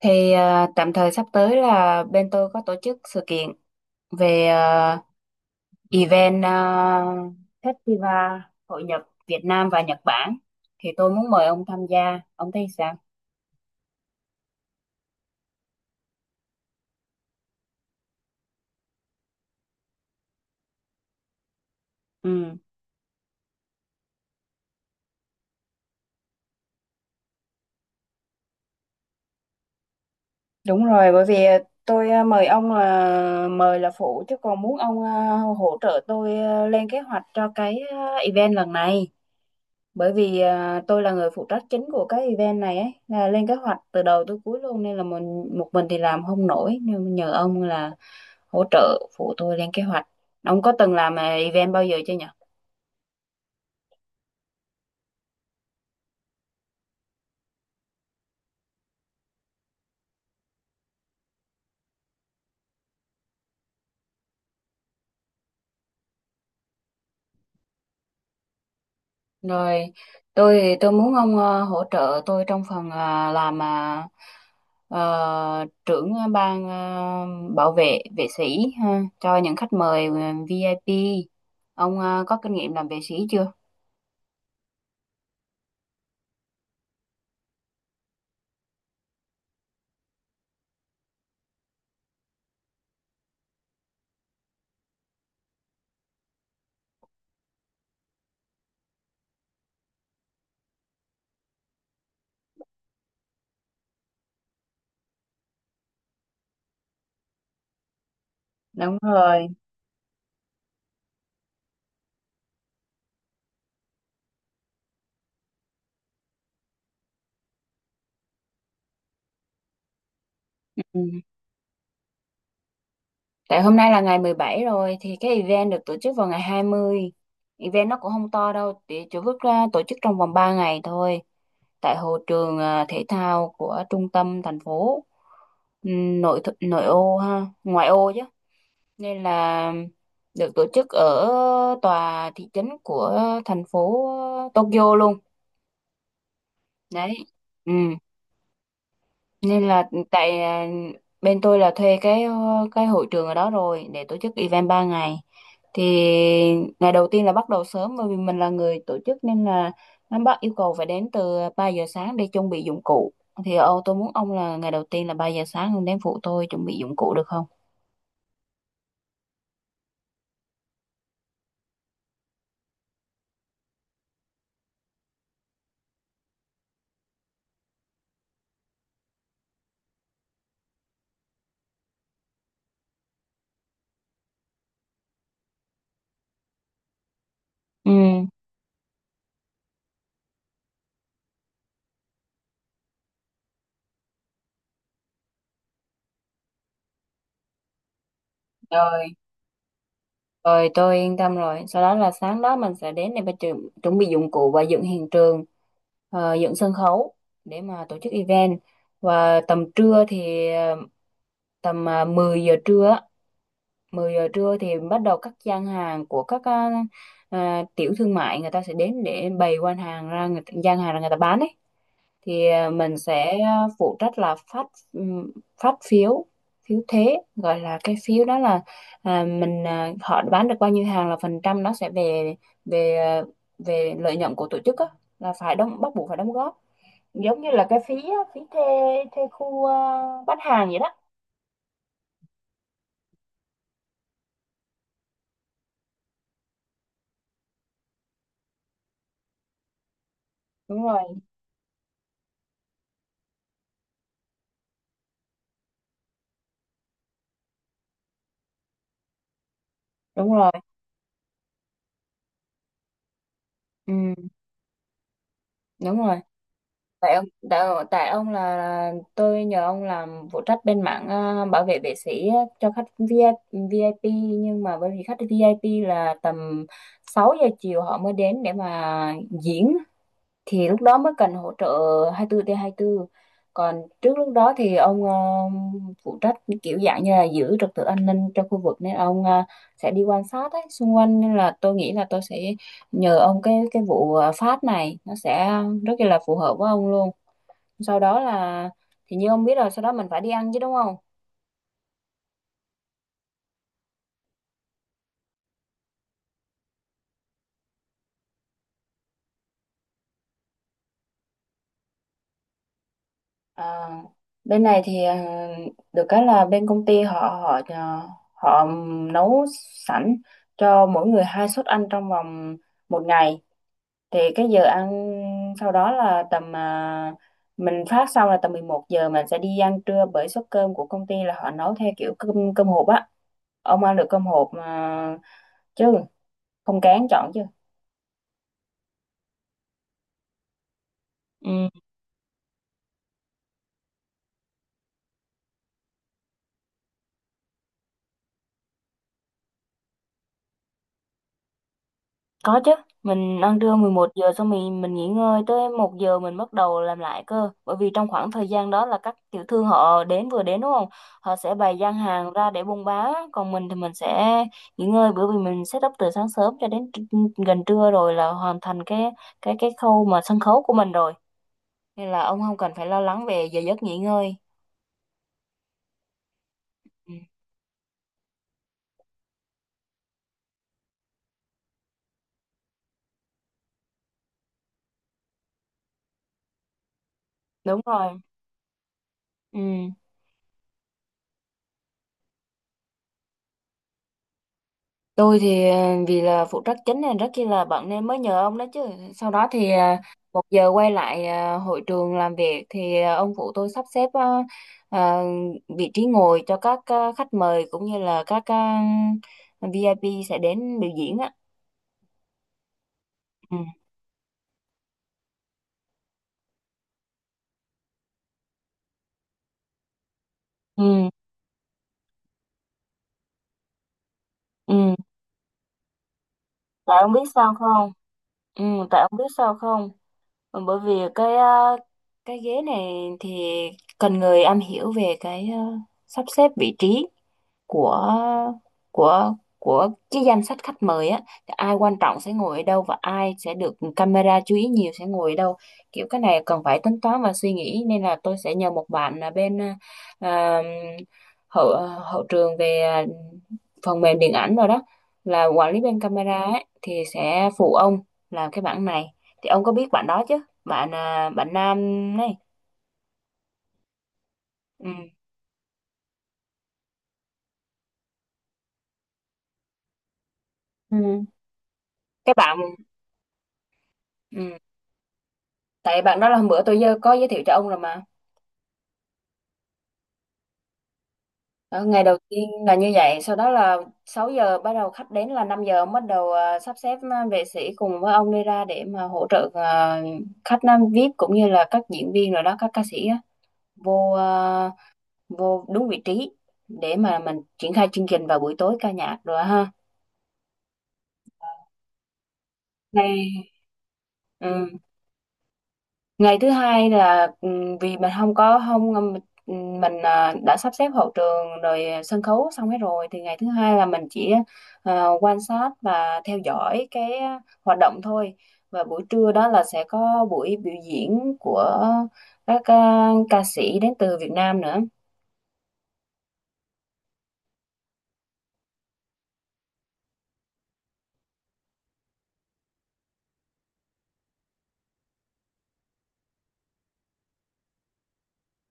Thì tạm thời sắp tới là bên tôi có tổ chức sự kiện về event à, Festival Hội nhập Việt Nam và Nhật Bản. Thì tôi muốn mời ông tham gia. Ông thấy sao? Đúng rồi, bởi vì tôi mời ông là mời là phụ, chứ còn muốn ông hỗ trợ tôi lên kế hoạch cho cái event lần này. Bởi vì tôi là người phụ trách chính của cái event này ấy, là lên kế hoạch từ đầu tới cuối luôn, nên là mình một mình thì làm không nổi, nên nhờ ông là hỗ trợ phụ tôi lên kế hoạch. Ông có từng làm event bao giờ chưa nhỉ? Rồi, tôi thì tôi muốn ông hỗ trợ tôi trong phần làm ờ, trưởng ban bảo vệ vệ sĩ ha, cho những khách mời VIP. Ông có kinh nghiệm làm vệ sĩ chưa? Đúng rồi. Ừ. Tại hôm nay là ngày 17 rồi, thì cái event được tổ chức vào ngày 20. Event nó cũng không to đâu, chỉ vứt ra tổ chức trong vòng 3 ngày thôi. Tại hồ trường thể thao của trung tâm thành phố. Nội ô ha, ngoại ô chứ. Nên là được tổ chức ở tòa thị trấn của thành phố Tokyo luôn. Đấy. Ừ. Nên là tại bên tôi là thuê cái cái hội trường ở đó rồi để tổ chức event 3 ngày. Thì ngày đầu tiên là bắt đầu sớm, bởi vì mình là người tổ chức nên là nó bắt yêu cầu phải đến từ 3 giờ sáng để chuẩn bị dụng cụ. Thì tôi muốn ông là ngày đầu tiên là 3 giờ sáng ông đến phụ tôi chuẩn bị dụng cụ được không? Ừ. Rồi. Rồi tôi yên tâm rồi. Sau đó là sáng đó mình sẽ đến để mà chuẩn bị dụng cụ và dựng hiện trường, dựng sân khấu để mà tổ chức event. Và tầm trưa thì 10 giờ trưa, á, 10 giờ trưa thì bắt đầu các gian hàng của các tiểu thương, mại người ta sẽ đến để bày quan hàng ra người ta gian hàng ra người ta bán ấy. Thì mình sẽ phụ trách là phát ừm, phát phiếu phiếu thế, gọi là cái phiếu đó là họ bán được bao nhiêu hàng là phần trăm nó sẽ về về ờ, về lợi nhuận của tổ chức á, là phải đóng, bắt buộc phải đóng góp giống như là cái phí á, phí thuê thuê khu bán hàng vậy đó. Đúng rồi. Đúng rồi. Ừ, đúng rồi. Tại ông, tại ông là tôi nhờ ông làm phụ trách bên mảng bảo vệ vệ sĩ á, cho khách VIP, VIP. Nhưng mà bởi vì khách VIP là tầm 6 giờ chiều họ mới đến để mà diễn, thì lúc đó mới cần hỗ trợ 24 trên 24. Còn trước lúc đó thì ông phụ trách kiểu dạng như là giữ trật tự an ninh cho khu vực, nên ông sẽ đi quan sát ấy, xung quanh. Nên là tôi nghĩ là tôi sẽ nhờ ông cái vụ phát này, nó sẽ rất là phù hợp với ông luôn. Sau đó là, thì như ông biết rồi, sau đó mình phải đi ăn chứ đúng không? à, Bên này thì được cái là bên công ty họ họ à, họ nấu sẵn cho mỗi người 2 suất ăn trong vòng 1 ngày. Thì cái giờ ăn sau đó là tầm mình phát xong là tầm 11 giờ mình sẽ đi ăn trưa, bởi suất cơm của công ty là họ nấu theo kiểu cơm cơm hộp á. Ông ăn được cơm hộp mà, chứ không kén chọn chứ? Ừ. Có chứ, mình ăn trưa 11 giờ xong mình nghỉ ngơi tới 1 giờ mình bắt đầu làm lại cơ. Bởi vì trong khoảng thời gian đó là các tiểu thương họ đến, vừa đến đúng không? Họ sẽ bày gian hàng ra để buôn bán, còn mình thì mình sẽ nghỉ ngơi, bởi vì mình set up từ sáng sớm cho đến gần trưa rồi là hoàn thành cái cái khâu mà sân khấu của mình rồi. Nên là ông không cần phải lo lắng về giờ giấc nghỉ ngơi. Ừ, đúng rồi. Ừ. Tôi thì vì là phụ trách chính nên rất chi là bận, nên mới nhờ ông đó chứ. Sau đó thì 1 giờ quay lại hội trường làm việc, thì ông phụ tôi sắp xếp ờ, vị trí ngồi cho các khách mời cũng như là các ờ, VIP sẽ đến biểu diễn á. Ừ. Ừ. Ừ. Tại ông biết sao không? Ừ. Tại ông biết sao không? Ờ, bởi vì cái cái ghế này thì cần người am hiểu về cái sắp xếp vị trí của của cái danh sách khách mời á, thì ai quan trọng sẽ ngồi ở đâu, và ai sẽ được camera chú ý nhiều sẽ ngồi ở đâu. Kiểu cái này cần phải tính toán và suy nghĩ, nên là tôi sẽ nhờ một bạn là bên à, hậu hậu trường về phần mềm điện ảnh rồi đó, là quản lý bên camera ấy, thì sẽ phụ ông làm cái bản này. Thì ông có biết bạn đó chứ, bạn nam này? Ừ. Ừ. Cái bạn. Ừ. Tại bạn đó là hôm bữa tôi có giới thiệu cho ông rồi mà. Đó, ngày đầu tiên là như vậy. Sau đó là 6 giờ bắt đầu khách đến, là 5 giờ ông bắt đầu sắp xếp vệ sĩ cùng với ông đi ra để mà hỗ trợ khách nam VIP cũng như là các diễn viên rồi đó, các ca sĩ á, vô à, vô đúng vị trí để mà mình triển khai chương trình vào buổi tối ca nhạc rồi ha. Ngày ừ. ngày thứ hai là vì mình không có, không mình đã sắp xếp hậu trường rồi, sân khấu xong hết rồi, thì ngày thứ hai là mình chỉ quan sát và theo dõi cái hoạt động thôi. Và buổi trưa đó là sẽ có buổi biểu diễn của các ca sĩ đến từ Việt Nam nữa.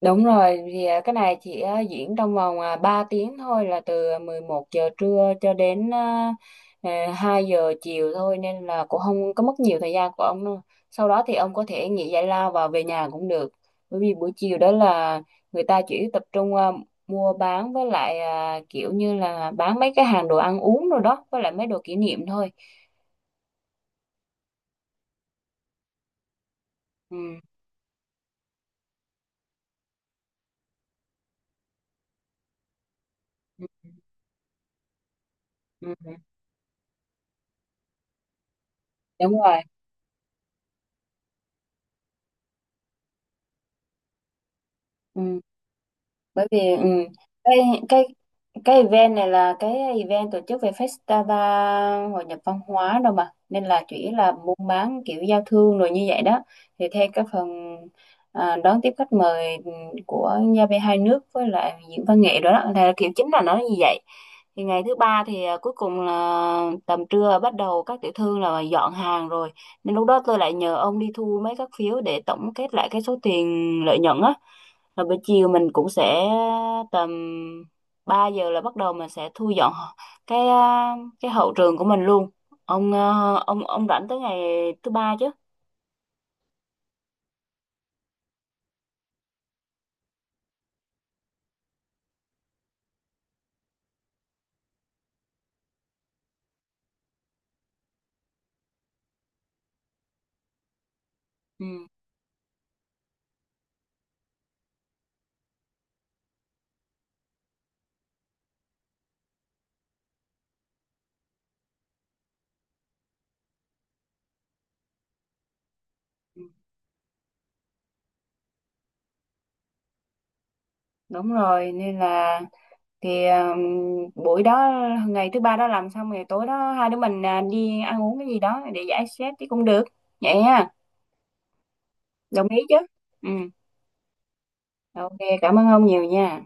Đúng rồi, thì cái này chỉ diễn trong vòng 3 tiếng thôi, là từ 11 giờ trưa cho đến 2 giờ chiều thôi, nên là cũng không có mất nhiều thời gian của ông đâu. Sau đó thì ông có thể nghỉ giải lao và về nhà cũng được. Bởi vì buổi chiều đó là người ta chỉ tập trung mua bán, với lại kiểu như là bán mấy cái hàng đồ ăn uống rồi đó, với lại mấy đồ kỷ niệm thôi. Ừ. Ừ. Ừ, ừ. Đúng rồi. Ừ. Bởi vì cái cái cái event này là cái event tổ chức về festival hội nhập văn hóa đâu mà, nên là chỉ là buôn bán kiểu giao thương rồi như vậy đó. Thì theo cái phần đón tiếp khách mời ừ, của nhà bè hai nước với lại diễn văn nghệ đó, đó là kiểu chính là nó như vậy. Thì ngày thứ ba thì cuối cùng là tầm trưa bắt đầu các tiểu thương là dọn hàng rồi, nên lúc đó tôi lại nhờ ông đi thu mấy các phiếu để tổng kết lại cái số tiền lợi nhuận á. Rồi buổi chiều mình cũng sẽ tầm 3 giờ là bắt đầu mình sẽ thu dọn cái cái hậu trường của mình luôn. Ông ông rảnh tới ngày thứ ba chứ? Ừ. Ừ. Đúng rồi, nên là thì buổi đó ngày thứ ba đó làm xong, ngày tối đó hai đứa mình đi ăn uống cái gì đó để giải stress thì cũng được. Vậy ha, đồng ý chứ? Ừ. Ok, cảm ơn ông nhiều nha.